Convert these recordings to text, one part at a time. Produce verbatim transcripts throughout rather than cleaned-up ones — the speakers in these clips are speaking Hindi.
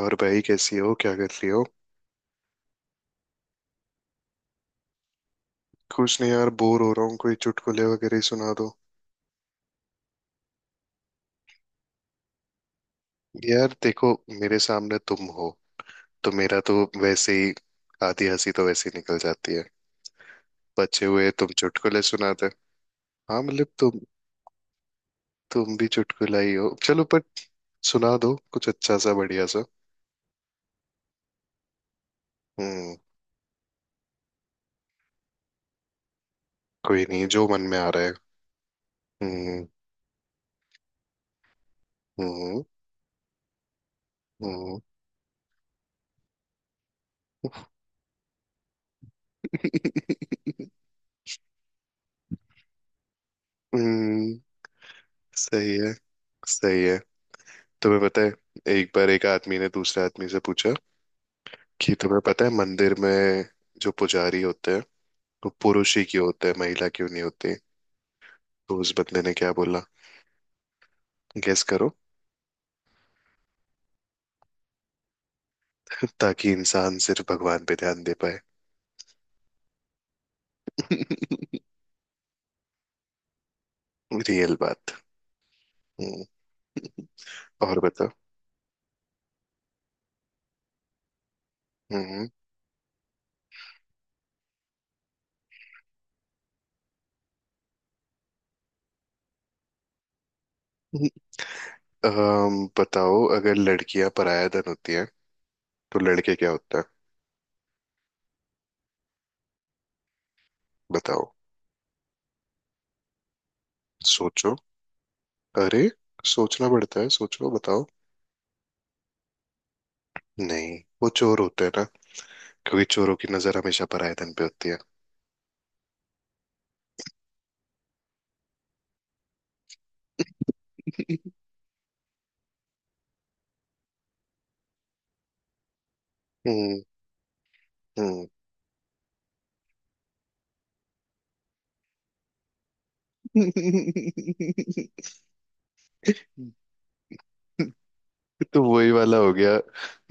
और भाई, कैसी हो? क्या कर रही हो? कुछ नहीं यार, बोर हो रहा हूँ। कोई चुटकुले वगैरह ही सुना दो। यार देखो, मेरे सामने तुम हो तो मेरा तो वैसे ही आधी हंसी तो वैसे ही निकल जाती है। बचे हुए तुम चुटकुले सुनाते। हाँ मतलब, तुम तुम भी चुटकुला ही हो, चलो पर। सुना दो कुछ अच्छा सा, बढ़िया सा। हम्म कोई नहीं, जो मन में आ रहा है। हम्म। हम्म। हम्म। हम्म। सही है। सही है। तुम्हें पता है, एक बार एक आदमी ने दूसरे आदमी से पूछा कि तुम्हें पता है, मंदिर में जो पुजारी होते हैं वो पुरुष ही क्यों होते हैं, महिला क्यों नहीं होती? तो उस बंदे ने क्या बोला? गेस करो। ताकि इंसान सिर्फ भगवान पे ध्यान दे पाए। रियल बात। हम्म, और बताओ। हम्म। अम, बताओ, अगर लड़कियां पराया धन होती हैं तो लड़के क्या होता है? बताओ। सोचो। अरे, सोचना पड़ता है, सोचो, बताओ। नहीं, वो चोर होते हैं ना। क्योंकि चोरों की नजर हमेशा पराया धन पे होती है। हम्म। हम्म। तो वही वाला हो गया।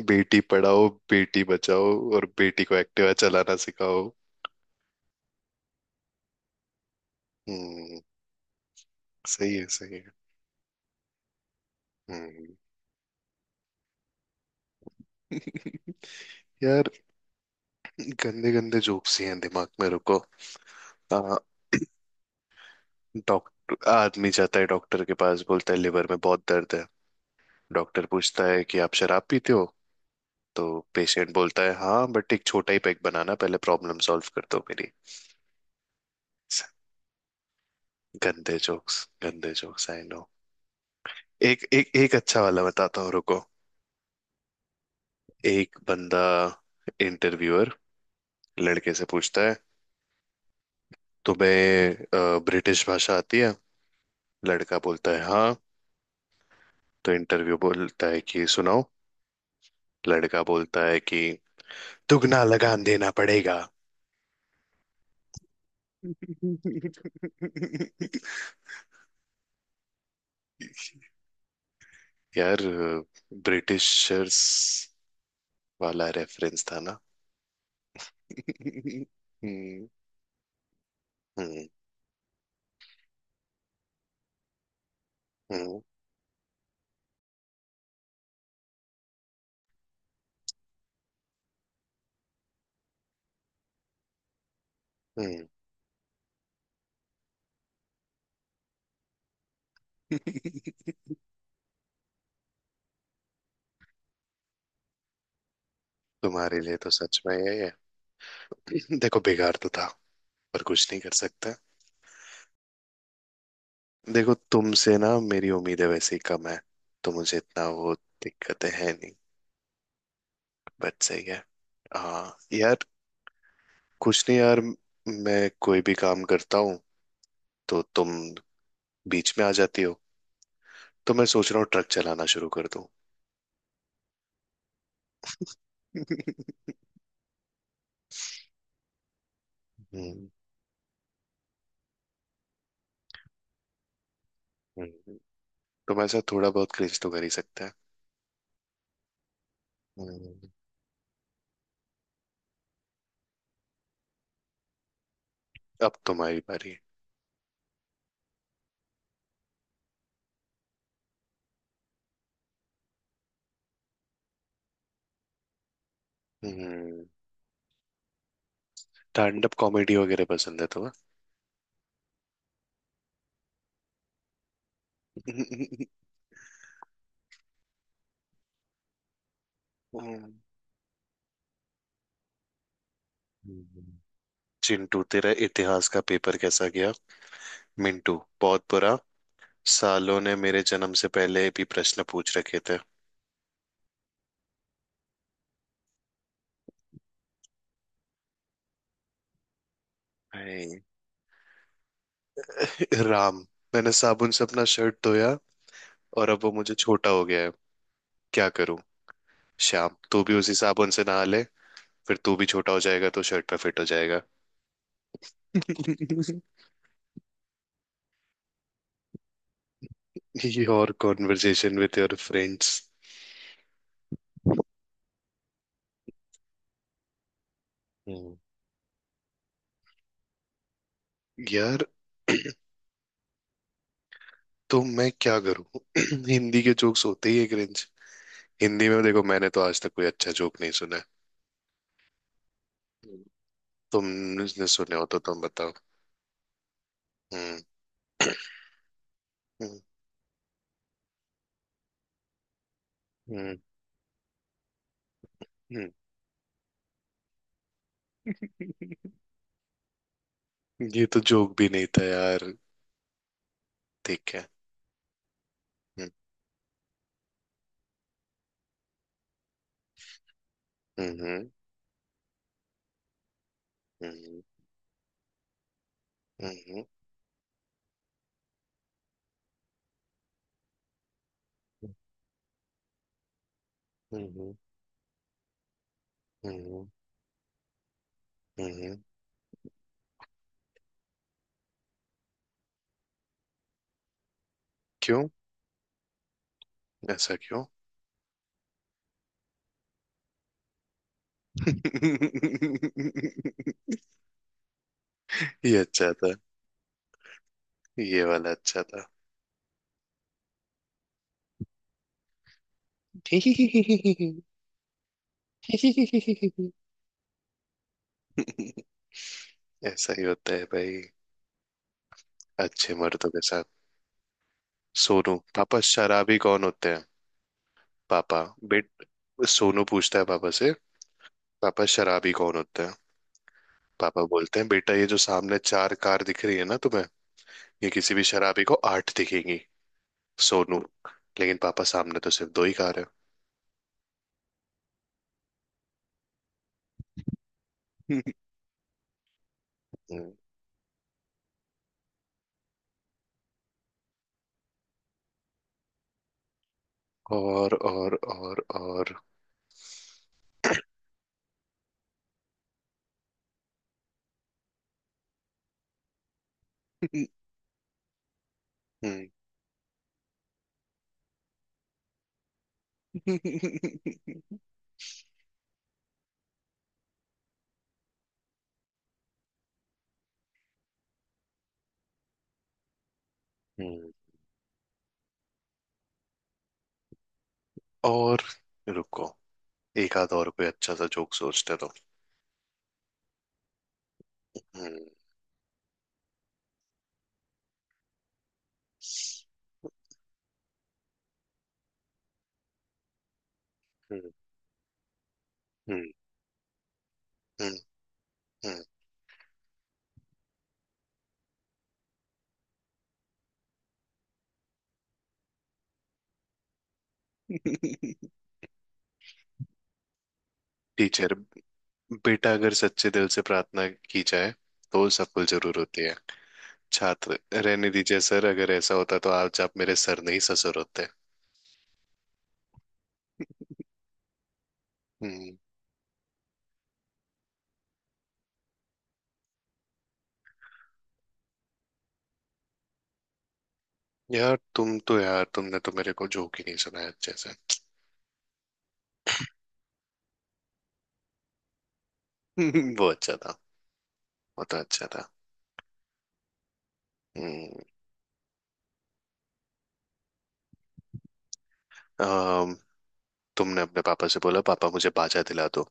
बेटी पढ़ाओ, बेटी बचाओ, और बेटी को एक्टिवा चलाना सिखाओ। हम्म। सही है। सही है। हम्म यार, गंदे गंदे जोक्स ही हैं दिमाग में, रुको। आ, डॉक्टर, आदमी जाता है डॉक्टर के पास, बोलता है लिवर में बहुत दर्द है। डॉक्टर पूछता है कि आप शराब पीते हो। तो पेशेंट बोलता है, हाँ बट एक छोटा ही पैक बनाना, पहले प्रॉब्लम सॉल्व कर दो मेरी। गंदे जोक्स, गंदे जोक्स, आई नो। एक एक एक अच्छा वाला बताता हूँ, रुको। एक बंदा, इंटरव्यूअर, लड़के से पूछता है, तुम्हें ब्रिटिश भाषा आती है? लड़का बोलता है हाँ। तो इंटरव्यू बोलता है कि सुनाओ। लड़का बोलता है कि दुगना लगान देना पड़ेगा। यार, ब्रिटिशर्स वाला रेफरेंस था ना। हम्म। हम्म। हम्म। हम्म। तुम्हारे लिए तो सच में ये है। देखो, बेकार तो था पर कुछ नहीं कर सकता। देखो, तुमसे ना मेरी उम्मीदें वैसे ही कम है, तो मुझे इतना वो दिक्कतें हैं नहीं। बट सही है। हाँ यार। कुछ नहीं यार, मैं कोई भी काम करता हूँ तो तुम बीच में आ जाती हो, तो मैं सोच रहा हूँ ट्रक चलाना शुरू कर दूँ। हम्म। हम्म। तुम ऐसा थोड़ा बहुत क्रिंज तो कर ही सकते हैं। हम्म, अब तुम्हारी बारी। हम्म स्टैंड अप कॉमेडी वगैरह पसंद है तुम्हें? हम्म, चिंटू, तेरा इतिहास का पेपर कैसा गया? मिंटू, बहुत बुरा, सालों ने मेरे जन्म से पहले भी प्रश्न पूछ रखे थे। हाय राम, मैंने साबुन से अपना शर्ट धोया और अब वो मुझे छोटा हो गया है, क्या करूं? श्याम, तू भी उसी साबुन से नहा ले, फिर तू भी छोटा हो जाएगा तो शर्ट पे फिट हो जाएगा। Your conversation with your friends. यार, तो मैं क्या करूं? हिंदी के जोक्स होते ही एक रेंज। हिंदी में देखो, मैंने तो आज तक कोई अच्छा जोक नहीं सुना है। हम्म। तुमने सुने हो तो तुम बताओ। हम्म। हम्म। हम्म। हम्म। ये तो जोक भी नहीं था यार। ठीक है। हम्म। हम्म। हम्म। हम्म। हम्म। हम्म। हम्म। हम्म। क्यों? ऐसा क्यों? ये अच्छा था। ये वाला अच्छा था। ऐसा ही होता है भाई, अच्छे मर्दों के साथ। सोनू, पापा शराबी कौन होते हैं? पापा बेट सोनू पूछता है पापा से, पापा शराबी कौन होते हैं? पापा बोलते हैं, बेटा, ये जो सामने चार कार दिख रही है ना तुम्हें, ये किसी भी शराबी को आठ दिखेंगी। सोनू, लेकिन पापा सामने तो सिर्फ दो ही कार है। हम्म। और, और, और, और। हम्म। हम्म। और रुको, एक आध और कोई अच्छा सा जोक सोचते तो। हम्म। हम्म। हम्म। हम्म। हम्म। टीचर, बेटा अगर सच्चे दिल से प्रार्थना की जाए तो सफल जरूर होती है। छात्र, रहने दीजिए सर, अगर ऐसा होता तो आज आप मेरे सर नहीं ससुर होते। हम्म यार, तुम तो यार, तुमने तो मेरे को जोक ही नहीं सुनाया अच्छे से। वो अच्छा था। वो तो अच्छा था। हम्म। अम, तुमने अपने पापा से बोला, पापा मुझे बाजा दिला दो।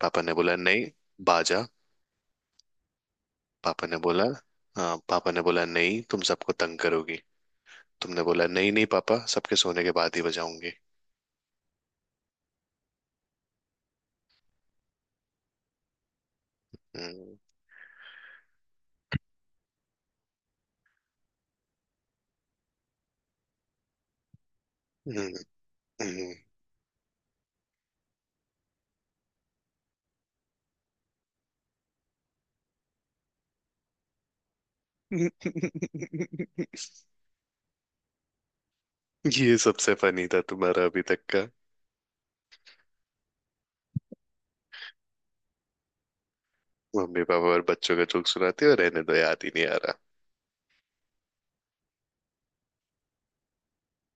पापा ने बोला नहीं। बाजा। पापा ने बोला हाँ, पापा ने बोला नहीं, तुम सबको तंग करोगी। तुमने बोला, नहीं नहीं पापा, सबके सोने के बाद ही बजाऊंगी। हम्म। हम्म। हम्म। ये सबसे फनी था तुम्हारा अभी तक का। मम्मी पापा और बच्चों का जोक सुनाते हो, रहने दो, याद ही नहीं आ रहा।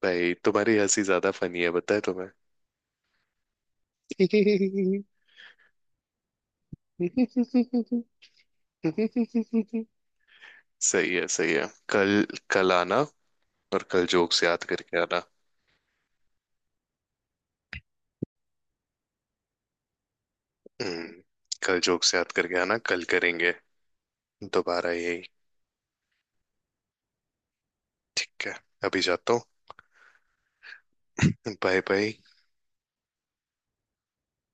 भाई, तुम्हारी हंसी ज्यादा फनी है बताए तुम्हें। सही है, सही है, कल। कल आना। और कल जोक्स याद करके आना। हम्म, कल जोक्स याद करके आना, कल करेंगे दोबारा यही। ठीक है, अभी जाता हूँ। Bye bye.